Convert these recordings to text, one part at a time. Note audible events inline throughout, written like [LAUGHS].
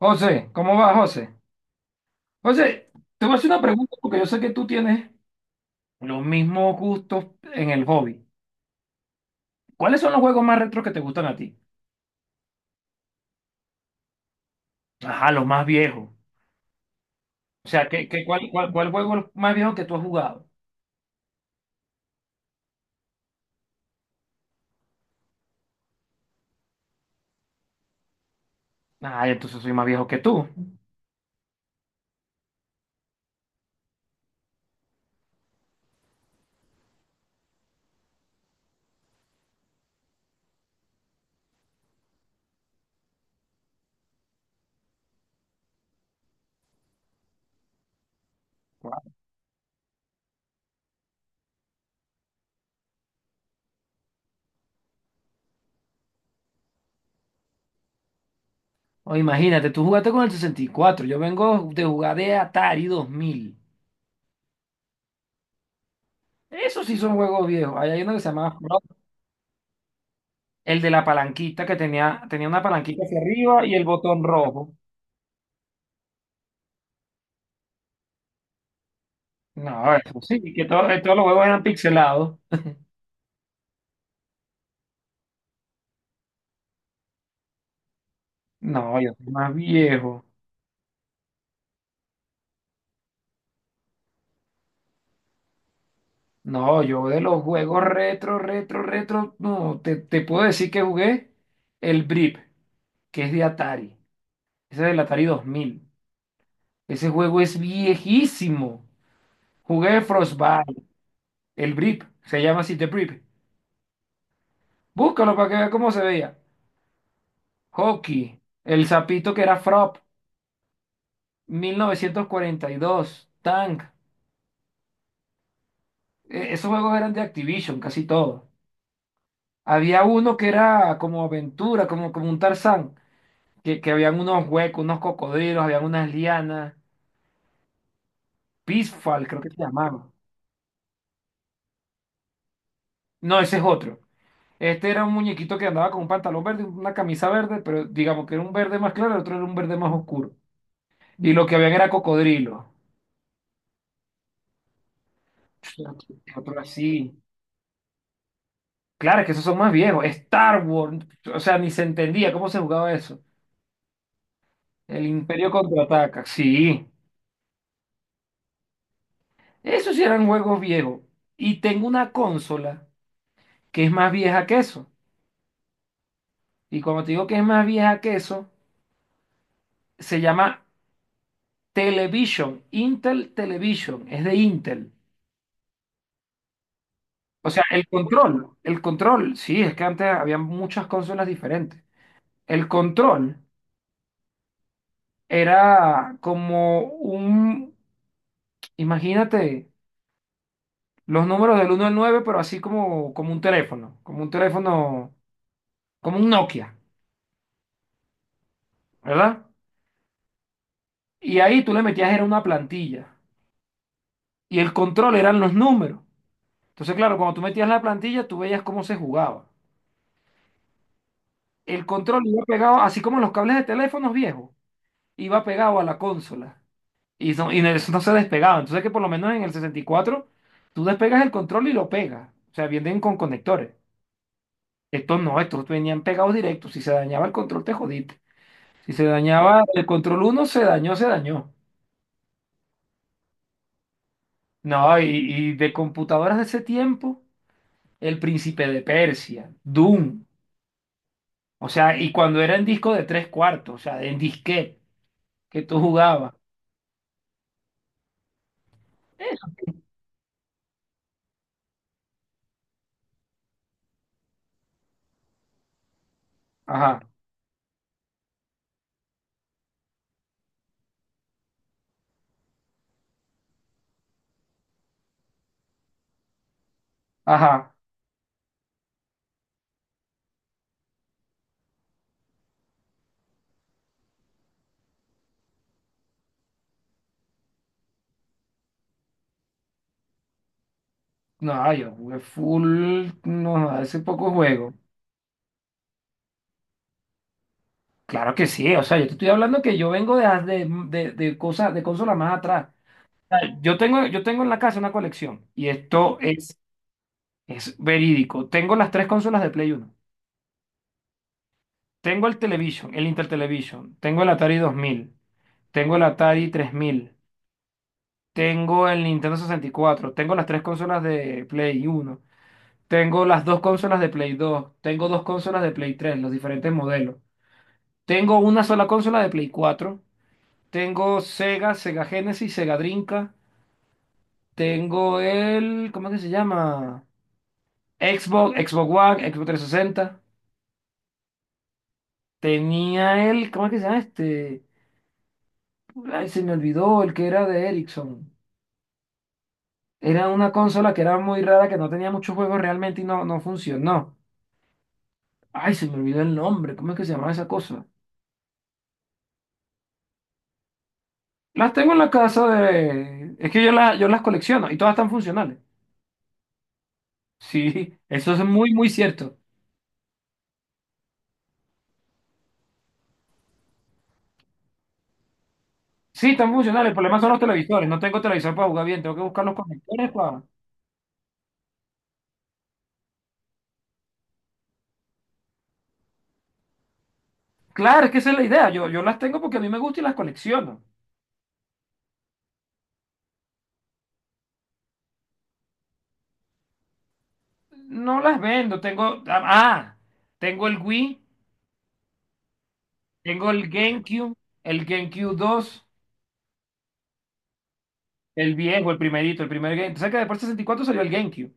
José, ¿cómo va, José? José, te voy a hacer una pregunta porque yo sé que tú tienes los mismos gustos en el hobby. ¿Cuáles son los juegos más retros que te gustan a ti? Ajá, los más viejos. O sea, ¿cuál juego es el más viejo que tú has jugado? Ah, entonces soy más viejo que tú. Guau. O imagínate, tú jugaste con el 64. Yo vengo de jugar de Atari 2000. Esos sí son juegos viejos. Ahí hay uno que se llamaba Frog, el de la palanquita que tenía una palanquita hacia arriba y el botón rojo. No, eso sí, que todos los juegos eran pixelados. No, yo soy más viejo. No, yo de los juegos retro, retro, retro, no, te puedo decir que jugué el Brip, que es de Atari. Ese es del Atari 2000. Ese juego es viejísimo. Jugué Frostbite, el Brip, se llama así, The Brip. Búscalo para que veas cómo se veía. Hockey, el sapito que era Frop, 1942 Tank. Esos juegos eran de Activision, casi todos. Había uno que era como aventura, como un Tarzán, que habían unos huecos, unos cocodrilos, habían unas lianas, Peaceful, creo que se llamaba. No, ese es otro. Este era un muñequito que andaba con un pantalón verde, una camisa verde, pero digamos que era un verde más claro, el otro era un verde más oscuro. Y lo que habían era cocodrilos. [LAUGHS] Otro así. Claro, es que esos son más viejos. Star Wars, o sea, ni se entendía cómo se jugaba eso. El Imperio contraataca, sí. Esos sí eran juegos viejos. Y tengo una consola que es más vieja que eso. Y cuando te digo que es más vieja que eso, se llama Television, Intel Television, es de Intel. O sea, el control, sí, es que antes había muchas consolas diferentes. El control era como un, imagínate, los números del uno al 9 pero así como un teléfono, como un teléfono, como un Nokia, ¿verdad? Y ahí tú le metías, era una plantilla. Y el control eran los números. Entonces, claro, cuando tú metías la plantilla, tú veías cómo se jugaba. El control iba pegado, así como los cables de teléfonos viejos, iba pegado a la consola. Y no, eso no se despegaba. Entonces, que por lo menos en el 64, tú despegas el control y lo pegas. O sea, vienen con conectores. Estos no, estos venían pegados directos. Si se dañaba el control, te jodiste. Si se dañaba el control uno se dañó, se dañó. No, y de computadoras de ese tiempo, el Príncipe de Persia, Doom. O sea, y cuando era en disco de tres cuartos, o sea, en disquete que tú jugabas. Eso. Ajá, ajá. No, yo jugué full, no, hace poco juego. Claro que sí, o sea, yo te estoy hablando que yo vengo de cosas, de consolas más atrás. O sea, yo tengo en la casa una colección y esto es verídico. Tengo las tres consolas de Play Uno. Tengo el Television, el Intel Television. Tengo el Atari 2000. Tengo el Atari 3000. Tengo el Nintendo 64. Tengo las tres consolas de Play uno. Tengo las dos consolas de Play dos. Tengo dos consolas de Play tres, los diferentes modelos. Tengo una sola consola de Play cuatro. Tengo Sega, Sega Genesis, Sega Drinka. Tengo el... ¿Cómo es que se llama? Xbox, Xbox One, Xbox 360. Tenía el... ¿Cómo es que se llama este? Ay, se me olvidó, el que era de Ericsson. Era una consola que era muy rara, que no tenía muchos juegos realmente y no funcionó. Ay, se me olvidó el nombre. ¿Cómo es que se llama esa cosa? Las tengo en la casa de... Es que yo las colecciono y todas están funcionales. Sí, eso es muy, muy cierto. Sí, están funcionales. El problema son los televisores. No tengo televisor para jugar bien. Tengo que buscar los conectores para... Claro, es que esa es la idea. Yo las tengo porque a mí me gusta y las colecciono. No las vendo. Tengo... Ah, tengo el Wii, tengo el GameCube 2, el viejo, el primerito, el primer Game. ¿Sabes que después del 64 salió el GameCube?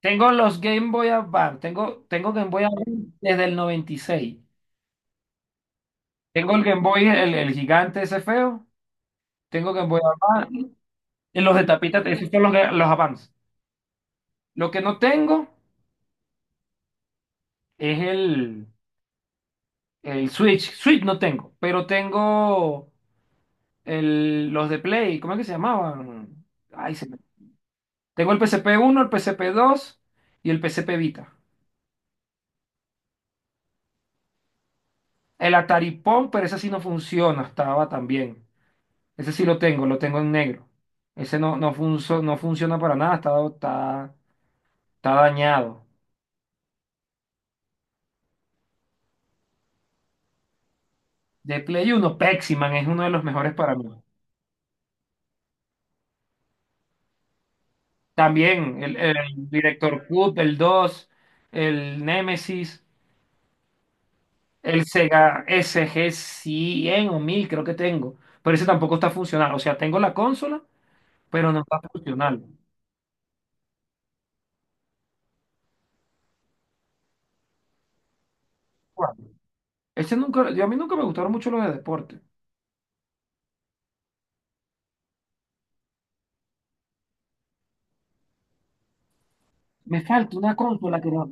Tengo los Game Boy Advance, tengo Game Boy Advance desde el 96. Tengo el Game Boy, el gigante ese feo. Tengo Game Boy Advance. Y los de tapita, esos son los Advance. Lo que no tengo es el Switch. Switch no tengo, pero tengo los de Play. ¿Cómo es que se llamaban? Ay, se me- Tengo el PSP uno, el PSP 2 y el PSP Vita. El Atari Pong, pero ese sí no funciona, estaba también. Ese sí lo tengo en negro. Ese no funciona para nada, está dañado. De Play Uno Peximan es uno de los mejores para mí. También el Director Cut, el 2, el Nemesis, el Sega SG Cien o 1000 creo que tengo. Pero ese tampoco está funcional. O sea, tengo la consola, pero no está funcional. Ese nunca, a mí nunca me gustaron mucho los de deporte. Me falta una consola que no.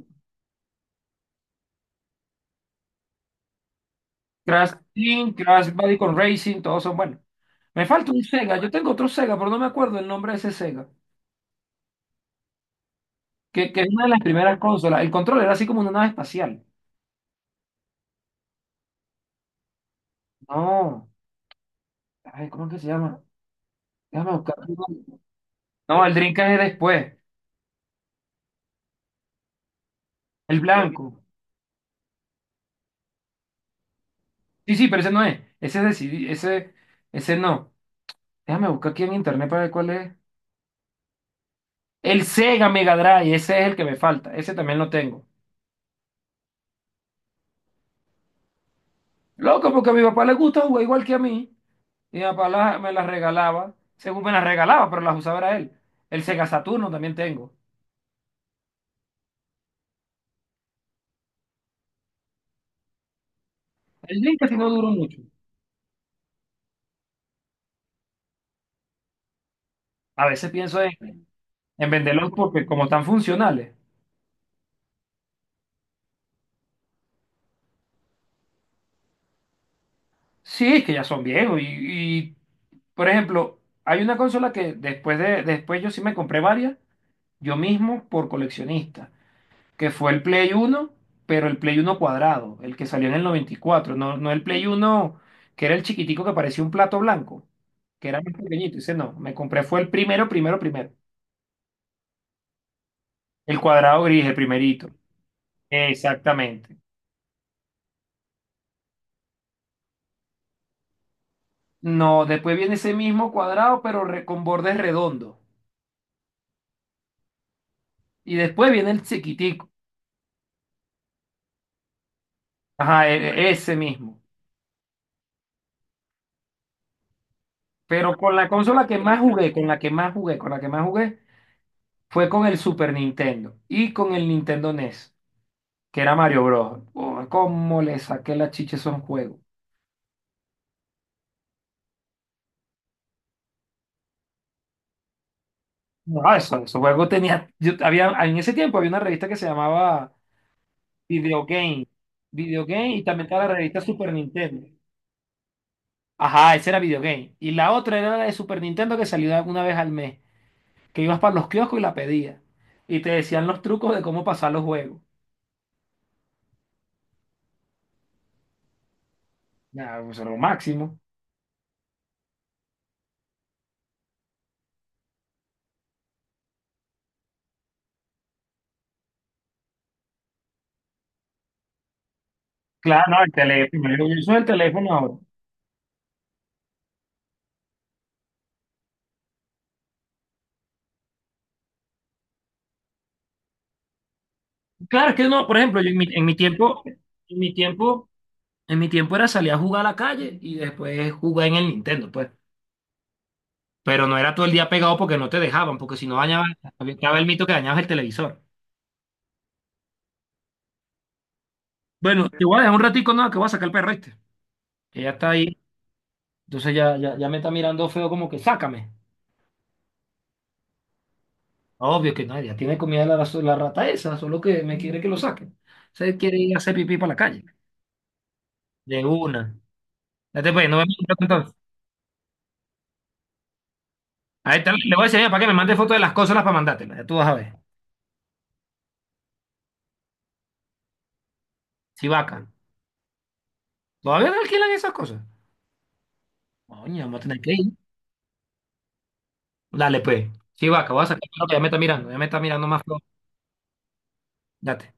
Crash Team, Crash Bandicoot Racing, todos son buenos. Me falta un Sega, yo tengo otro Sega, pero no me acuerdo el nombre de ese Sega, que es una de las primeras consolas. El control era así como una nave espacial. No, ay, ¿cómo es que se llama? Déjame buscar. No, el Dreamcast es después, el blanco. Sí, sí, pero ese no es. Ese es de CD, ese no. Déjame buscar aquí en internet para ver cuál es. El Sega Mega Drive, ese es el que me falta, ese también lo tengo. Loco, porque a mi papá le gusta jugar igual que a mí. Mi papá me las regalaba, según me las regalaba, pero las usaba era él. El Sega Saturno también tengo. El Dream casi no duró mucho. A veces pienso en venderlos porque como están funcionales. Sí, es que ya son viejos. Y, por ejemplo, hay una consola que después yo sí me compré varias, yo mismo por coleccionista, que fue el Play uno pero el Play uno cuadrado, el que salió en el 94 no, no el Play uno que era el chiquitico que parecía un plato blanco, que era muy pequeñito. Dice, no, me compré fue el primero, primero, primero. El cuadrado gris, el primerito. Exactamente. No, después viene ese mismo cuadrado, pero con bordes redondos. Y después viene el chiquitico. Ajá, ese mismo. Pero con la consola que más jugué, con la que más jugué, con la que más jugué, fue con el Super Nintendo y con el Nintendo NES, que era Mario Bros. Oh, ¿cómo le saqué la chicha a esos juegos? No, ah, esos juegos en ese tiempo había una revista que se llamaba Video Game, Video Game, y también estaba la revista Super Nintendo. Ajá, esa era Video Game. Y la otra era la de Super Nintendo que salía una vez al mes, que ibas para los kioscos y la pedías. Y te decían los trucos de cómo pasar los juegos. Nada, pues era lo máximo. Claro, no, el teléfono. Yo uso el teléfono ahora. Claro, es que no, por ejemplo, yo en mi tiempo, en mi tiempo era salir a jugar a la calle y después jugar en el Nintendo, pues. Pero no era todo el día pegado porque no te dejaban, porque si no dañaban, estaba el mito que dañabas el televisor. Bueno, te voy a dejar un ratico, no, que voy a sacar el perro este. Que ya está ahí. Entonces ya, ya, ya me está mirando feo como que sácame. Obvio que no, ya tiene comida la rata esa, solo que me quiere que lo saque. Se quiere ir a hacer pipí para la calle. De una. Date pues, no vemos entonces. Ahí está, le voy a decir mira, para que me mande fotos de las cosas para mandártelas. Ya tú vas a ver. Si vaca. ¿Todavía no alquilan esas cosas? Coño, vamos a tener que ir. Dale, pues. Sí, vaca, voy a sacar lo que ya me está mirando, ya me está mirando más feo. Date.